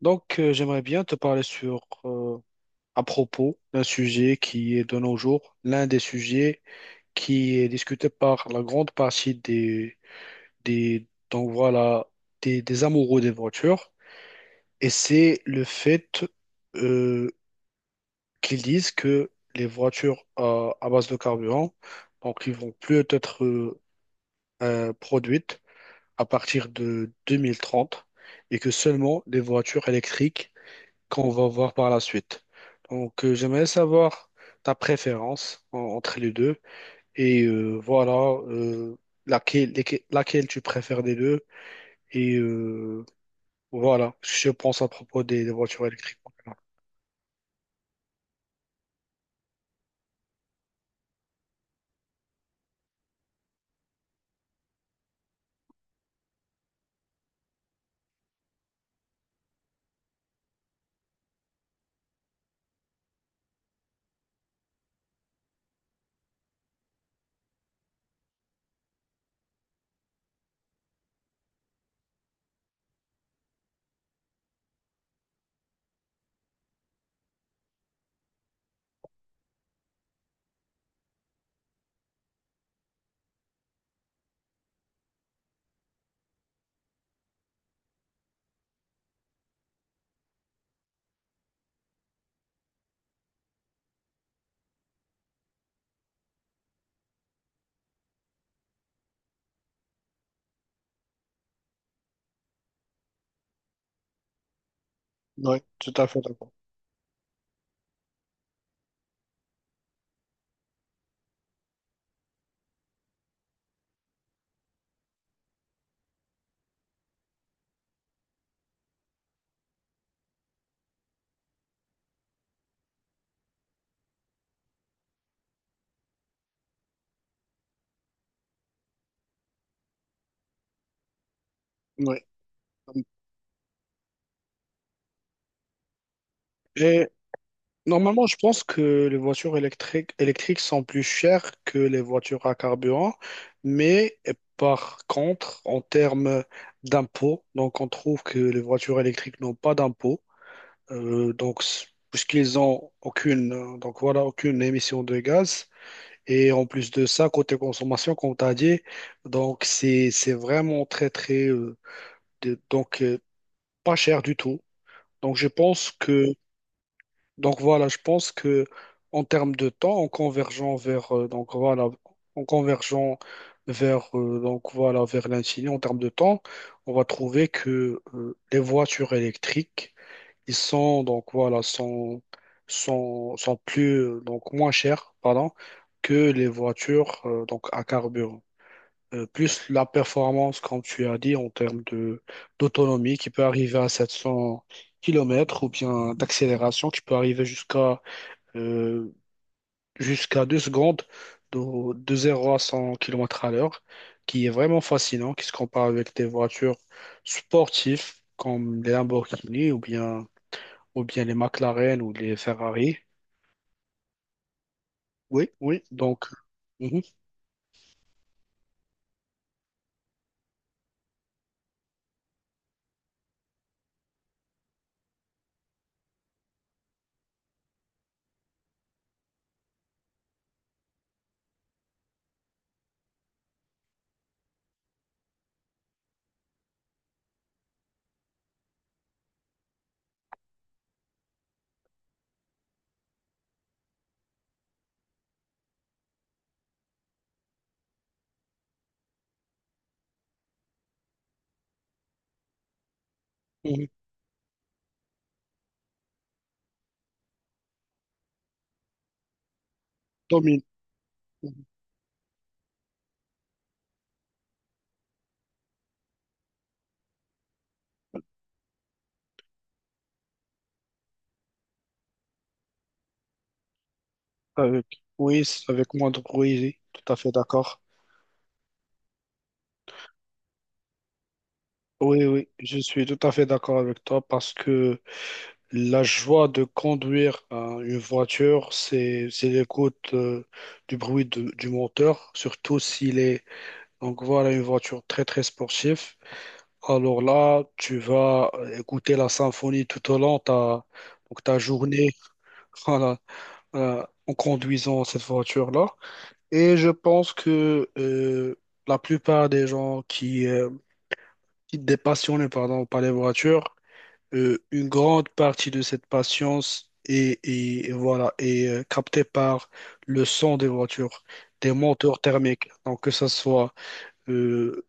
J'aimerais bien te parler à propos d'un sujet qui est de nos jours l'un des sujets qui est discuté par la grande partie des, donc voilà, des amoureux des voitures. Et c'est le fait, euh, qu'ils disent que les voitures à base de carburant, donc, ils vont plus être produites à partir de 2030 et que seulement les voitures électriques qu'on va voir par la suite. J'aimerais savoir ta préférence entre les deux, voilà, euh, laquelle tu préfères des deux, et euh, voilà ce que je pense à propos des voitures électriques. Oui, tout à fait d'accord. Oui. Et normalement, je pense que les voitures électriques sont plus chères que les voitures à carburant, mais par contre, en termes d'impôts, donc on trouve que les voitures électriques n'ont pas d'impôts. Donc, puisqu'ils ont aucune, donc voilà, aucune émission de gaz. Et en plus de ça, côté consommation, comme tu as dit, donc c'est vraiment très, très, de- donc euh, pas cher du tout. Donc, je pense que en termes de temps, en convergeant vers, vers l'infini, en termes de temps, on va trouver que les voitures électriques, ils sont donc voilà sont sont sont plus donc moins chers pardon que les voitures donc à carburant. Plus la performance, comme tu as dit, en termes de d'autonomie qui peut arriver à 700 kilomètres, ou bien d'accélération qui peut arriver euh, jusqu'à 2 secondes de 0 à 100 km à l'heure, qui est vraiment fascinant, qui se compare avec des voitures sportives comme les Lamborghini, ou bien les McLaren ou les Ferrari. Oui, oui, donc, mhm, mhm. Domine. Mhm. Avec, oui, c'est avec moi, oui, tout à fait d'accord. Oui, oui, je suis tout à fait d'accord avec toi parce que la joie de conduire, hein, une voiture, c'est l'écoute, du bruit du moteur, surtout s'il est, donc voilà, une voiture très très sportive. Alors là, tu vas écouter la symphonie tout au long de ta journée. Voilà, en conduisant cette voiture-là. Et je pense que, la plupart des gens qui, des passionnés pardon, par les voitures, une grande partie de cette patience est captée par le son des voitures, des moteurs thermiques. Donc que ce soit, euh,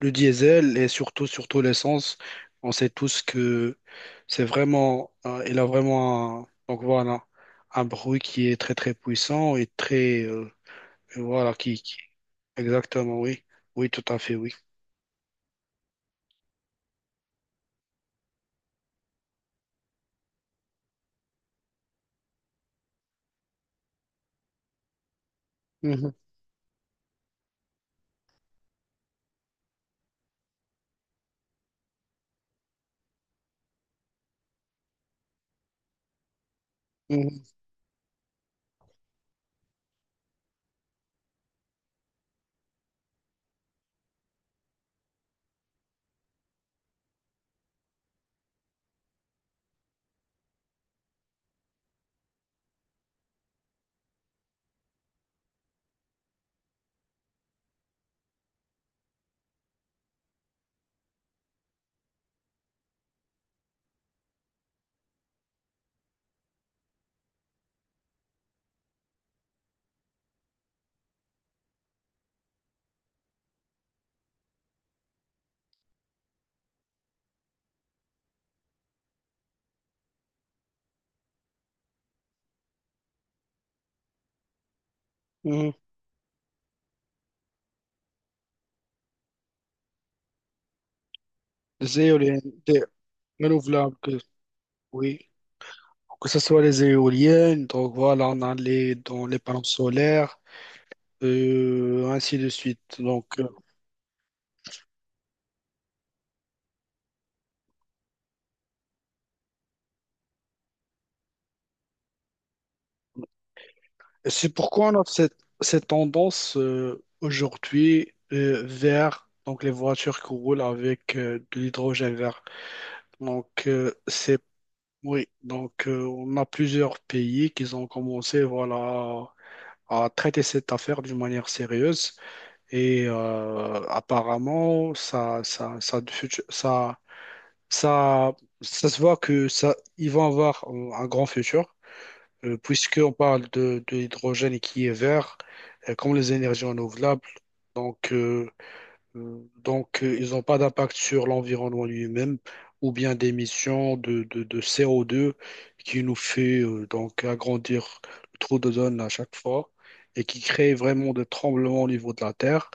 le diesel et surtout, surtout l'essence, on sait tous que c'est vraiment, il a vraiment un bruit qui est très très puissant et très, et voilà, exactement, oui, oui, tout à fait, oui. Mhm, mhm, mhm. Des éoliennes, des renouvelables, oui, que ce soit les éoliennes, donc voilà, on a dans les panneaux solaires, ainsi de suite. Donc. Et c'est pourquoi on a cette tendance, aujourd'hui, vers donc les voitures qui roulent avec, de l'hydrogène vert. Donc c'est Oui, donc on a plusieurs pays qui ont commencé, voilà, à traiter cette affaire d'une manière sérieuse, et apparemment ça ça ça se voit que ça ils vont avoir un grand futur, puisqu'on parle de l'hydrogène, et qui est vert, comme les énergies renouvelables. Donc, euh, donc, ils n'ont pas d'impact sur l'environnement lui-même, ou bien d'émissions de CO2, qui nous fait donc agrandir le trou d'ozone à chaque fois, et qui crée vraiment des tremblements au niveau de la Terre.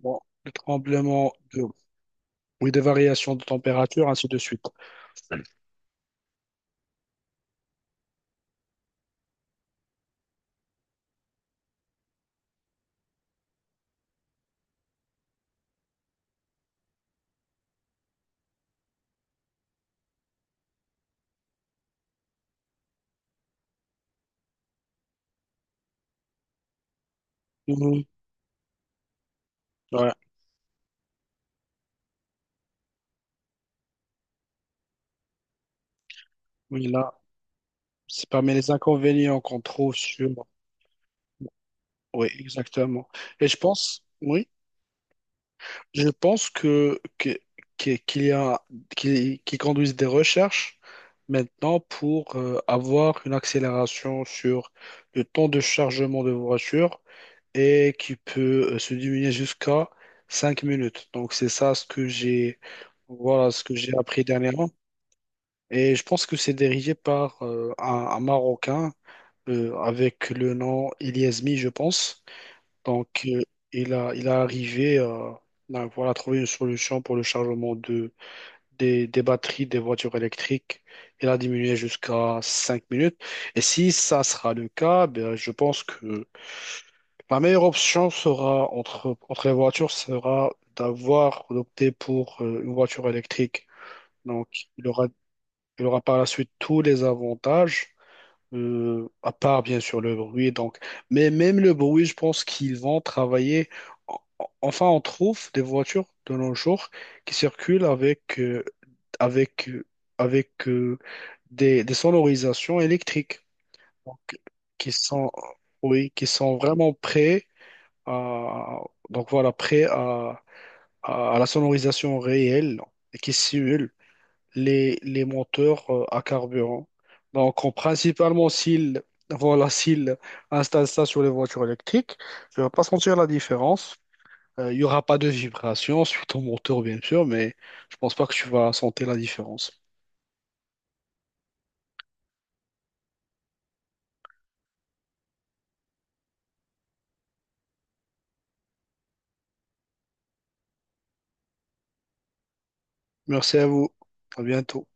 Bon, des tremblements oui, des variations de température, ainsi de suite. Mhm. Ouais. Oui, là, c'est parmi les inconvénients qu'on trouve. Sur Oui, exactement. Et je pense, oui, je pense que- qu'il y a, qu'ils qu'ils conduisent des recherches maintenant pour avoir une accélération sur le temps de chargement de voiture, et qui peut se diminuer jusqu'à 5 minutes. Donc c'est ça ce que j'ai, voilà, ce que j'ai appris dernièrement. Et je pense que c'est dirigé par un Marocain, avec le nom Iliasmi, je pense. Donc, il a arrivé, à voilà, trouver une solution pour le chargement des batteries des voitures électriques. Il a diminué jusqu'à 5 minutes. Et si ça sera le cas, ben, je pense que la meilleure option sera entre les voitures, sera d'opter pour une voiture électrique. Donc, il aura, il aura par la suite tous les avantages, à part bien sûr le bruit. Donc, mais même le bruit, je pense qu'ils vont travailler. En- Enfin, on trouve des voitures de nos jours qui circulent avec euh, avec des sonorisations électriques, donc qui sont, oui, qui sont vraiment prêts à, donc voilà, prêts à la sonorisation réelle, et qui simulent les moteurs, à carburant. Donc, principalement, s'ils installent ça sur les voitures électriques, je ne vais pas sentir la différence. Il n'y aura pas de vibration sur ton moteur, bien sûr, mais je pense pas que tu vas sentir la différence. Merci à vous. À bientôt.